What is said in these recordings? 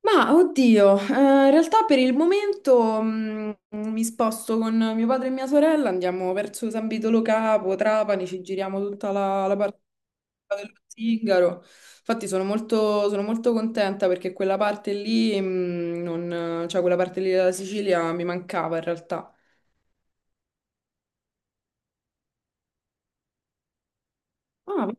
Ma oddio, in realtà per il momento mi sposto con mio padre e mia sorella, andiamo verso San Vitolo Capo, Trapani, ci giriamo tutta la parte dello Zingaro. Infatti sono molto contenta perché quella parte lì, cioè quella parte lì della Sicilia mi mancava in realtà. Ah,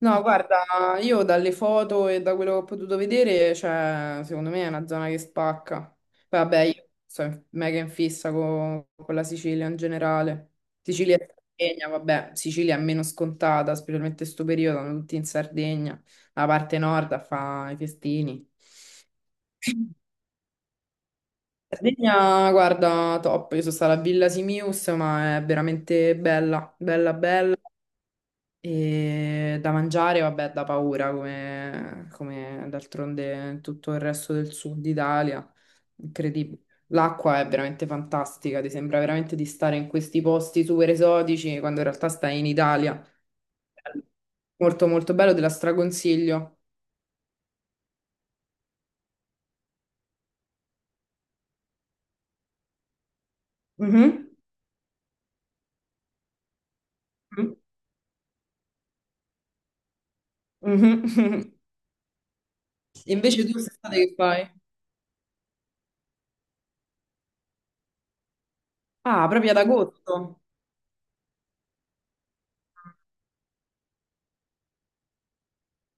no, guarda, io dalle foto e da quello che ho potuto vedere, cioè, secondo me è una zona che spacca. Poi, vabbè, io sono mega in fissa con la Sicilia in generale. Sicilia e Sardegna, vabbè, Sicilia è meno scontata, specialmente in questo periodo, sono tutti in Sardegna, la parte nord a fa i festini. Sardegna, guarda, top, io sono stata a Villa Simius, ma è veramente bella, bella, bella. E da mangiare, vabbè, da paura, come d'altronde tutto il resto del sud Italia. Incredibile. L'acqua è veramente fantastica, ti sembra veramente di stare in questi posti super esotici quando in realtà stai in Italia. Molto molto bello, te la straconsiglio. Mhm. Mhm. Mhm. Invece tu quest'estate che fai? Ah, proprio ad agosto.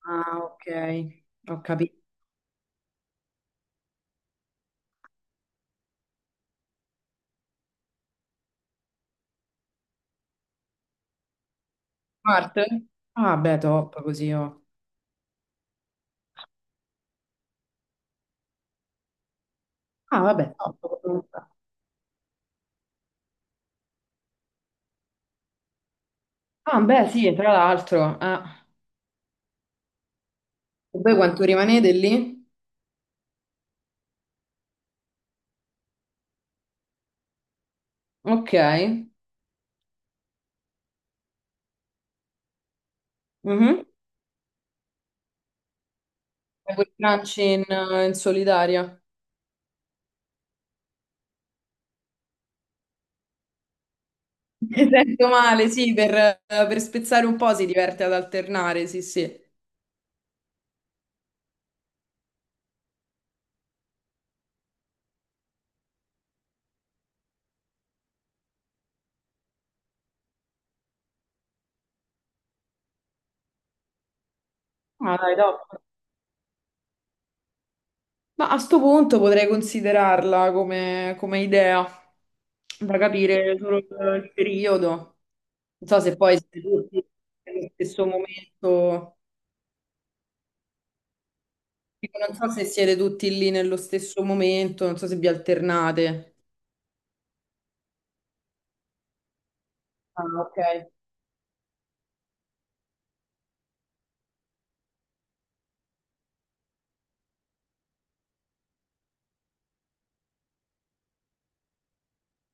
Ah, ok, ho capito. Marte? Ah, beh, top così. Oh. Ah, vabbè, top. Ah, beh, sì, tra l'altro, ah. E voi quanto rimanete lì? Ok. Mhm. Fai quel crunch in, in solitaria. Mi sento male, sì, per spezzare un po' si diverte ad alternare, sì, sì. Ah, dai, top. Ma a sto punto potrei considerarla come, come idea, da capire solo il periodo. Non so se poi siete tutti nello stesso momento. Dico, non so se siete tutti lì nello stesso momento, non so se vi alternate. Ah, ok.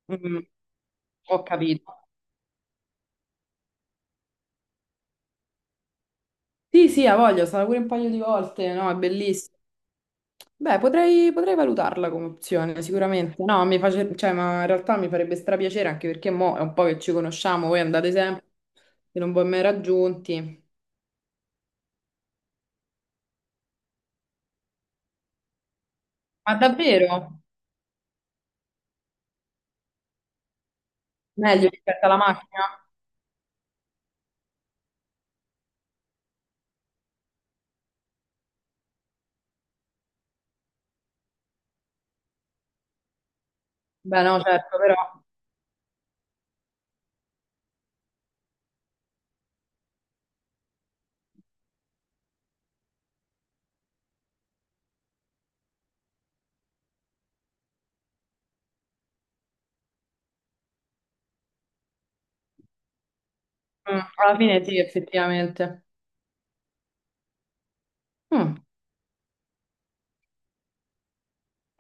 Mm, ho capito. Sì, sì, ha voglia, sarà pure un paio di volte, no, è bellissimo. Beh, potrei, potrei valutarla come opzione, sicuramente. No, mi face- cioè, ma in realtà mi farebbe strapiacere anche perché mo è un po' che ci conosciamo, voi andate sempre e non vi ho mai raggiunti. Ma davvero? Meglio rispetto alla macchina? Beh, no, certo, però alla fine sì, effettivamente. Mm.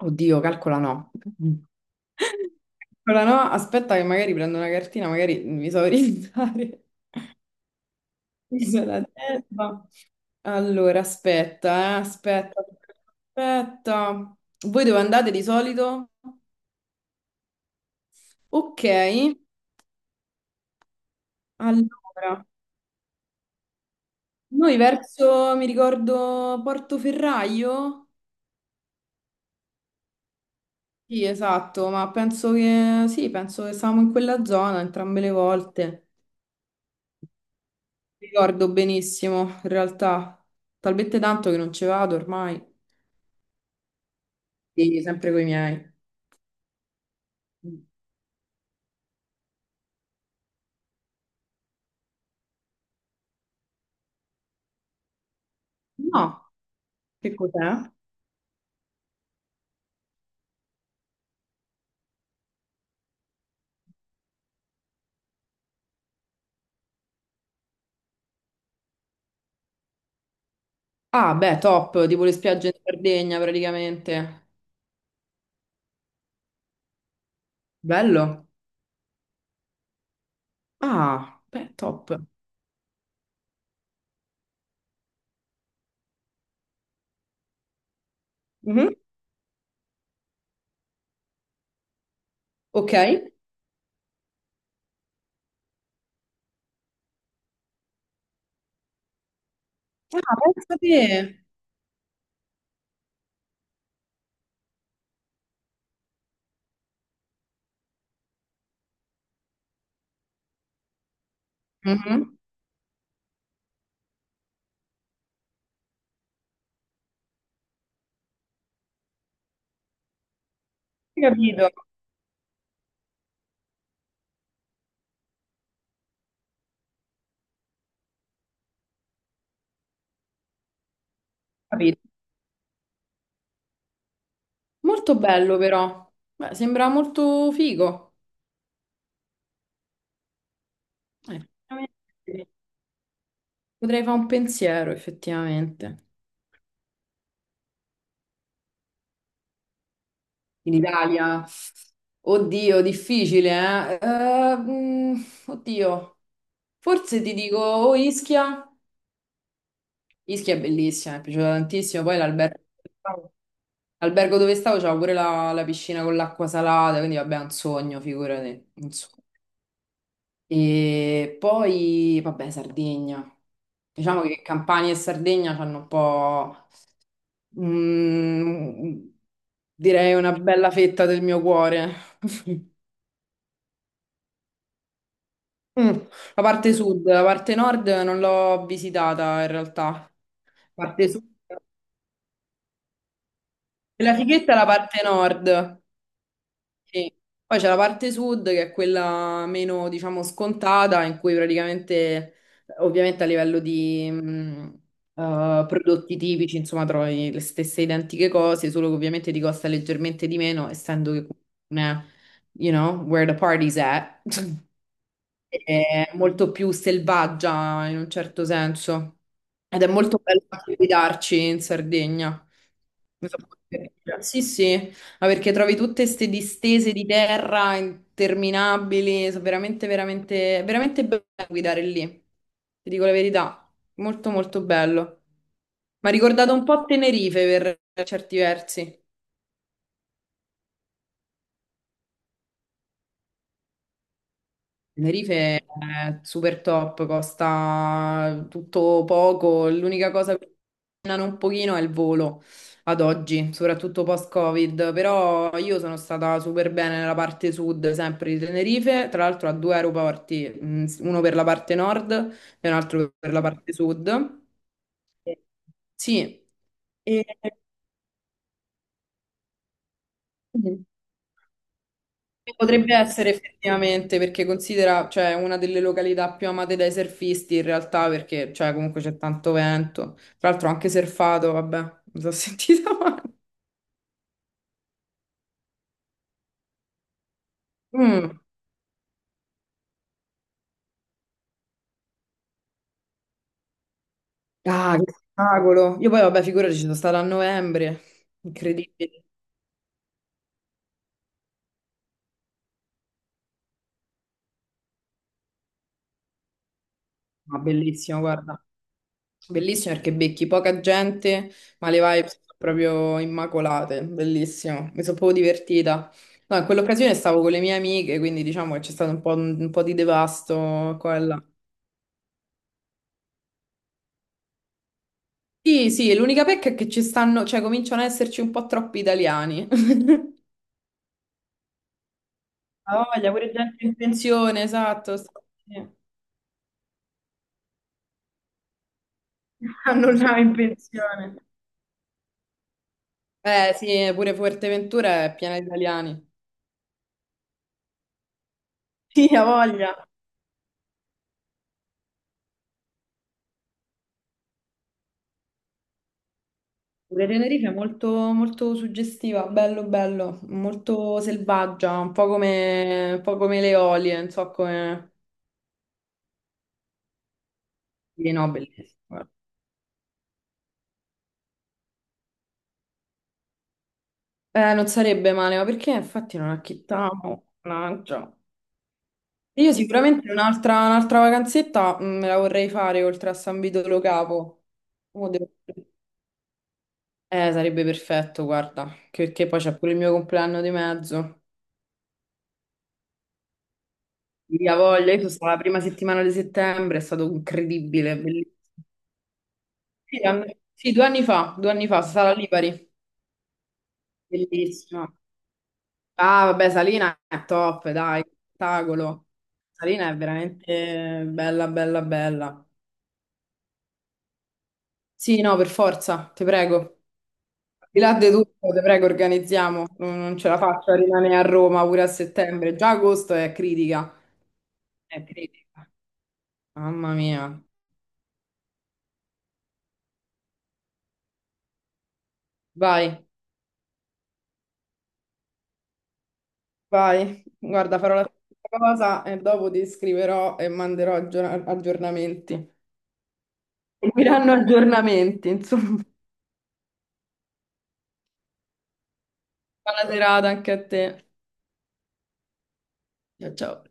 Oddio, calcola no. Calcola no, aspetta che magari prendo una cartina, magari mi so orientare. Isola d'Elba. Allora, aspetta, aspetta. Voi dove andate di solito? Ok, allora, noi verso, mi ricordo, Portoferraio? Sì, esatto, ma penso che, sì, penso che stavamo in quella zona entrambe le volte. Ricordo benissimo, in realtà, talmente tanto che non ci vado ormai. Sì, sempre con i miei. No, che cos'è? Ah, beh, top, tipo le spiagge in Sardegna praticamente. Bello. Ah, beh, top. Mhm. Ok. Ah, pensa te. Mhm. Capito, capito. Molto bello però. Beh, sembra molto figo. Effettivamente, sì. Potrei fare un pensiero, effettivamente. In Italia. Oddio, difficile, eh? Oddio. Forse ti dico o Ischia. Ischia è bellissima, mi è piaciuta tantissimo. Poi l'albergo dove stavo c'era pure la piscina con l'acqua salata, quindi vabbè, è un sogno, figurati. Un sogno. E poi, vabbè, Sardegna. Diciamo che Campania e Sardegna hanno un po', mm, direi, una bella fetta del mio cuore. Mm, la parte sud, la parte nord non l'ho visitata in realtà. La parte sud. La fighetta è la parte nord. Sì. Poi c'è la parte sud che è quella meno, diciamo, scontata, in cui praticamente, ovviamente a livello di prodotti tipici, insomma, trovi le stesse identiche cose, solo che ovviamente ti costa leggermente di meno, essendo che, non è, you know, where the party's at, è molto più selvaggia in un certo senso. Ed è molto bello anche guidarci in Sardegna. Non so come dire. Sì, sì. Ma perché trovi tutte queste distese di terra interminabili, sono veramente, veramente, veramente bello guidare lì. Ti dico la verità, molto molto bello. Mi ha ricordato un po' Tenerife per certi versi. Tenerife è super top, costa tutto poco, l'unica cosa che costano un pochino è il volo ad oggi, soprattutto post-Covid, però io sono stata super bene nella parte sud sempre di Tenerife, tra l'altro a due aeroporti, uno per la parte nord e un altro per la parte sud. Sì, e- potrebbe essere effettivamente, perché considera, cioè, una delle località più amate dai surfisti in realtà, perché, cioè, comunque c'è tanto vento. Tra l'altro ho anche surfato, vabbè, mi sono sentita male. Mm. Ah, che spettacolo! Io poi, vabbè, figurati, ci sono stata a novembre, incredibile. Ma bellissimo, guarda. Bellissimo perché becchi poca gente, ma le vibes sono proprio immacolate, bellissimo, mi sono proprio divertita. No, in quell'occasione stavo con le mie amiche, quindi diciamo che c'è stato un po' di devasto qua e là. Sì, sì, l'unica pecca è che ci stanno, cioè cominciano ad esserci un po' troppi italiani. Ah, voglia, pure gente in pensione, esatto. Sta- sì. Hanno là in pensione. Eh sì, pure Fuerteventura è piena di italiani. Sì, ha voglia. La Tenerife è molto, molto suggestiva, bello bello, molto selvaggia, un po' come le Eolie, non so come... Sì, no, bellissimo. Non sarebbe male, ma perché infatti non acchittavo, mannaggia. Io sicuramente un'altra vacanzetta me la vorrei fare oltre a San Vito Lo Capo. Mo devo- eh, sarebbe perfetto, guarda, che- perché poi c'è pure il mio compleanno di mezzo. Via voglia, io sono stata la prima settimana di settembre, è stato incredibile, bellissimo. Sì, and- sì, due anni fa, Sala Lipari, bellissima. Ah, vabbè, Salina è top, dai, spettacolo. Salina è veramente bella, bella, bella. Sì, no, per forza, ti prego. Al di là di tutto, ti prego, organizziamo. Non ce la faccio a rimanere a Roma pure a settembre. Già agosto è critica. È critica. Mamma mia. Vai, vai. Guarda, farò la stessa cosa e dopo ti scriverò e manderò aggior- aggiornamenti. Mi daranno aggiornamenti, insomma. Buona serata anche a te. Ciao ciao.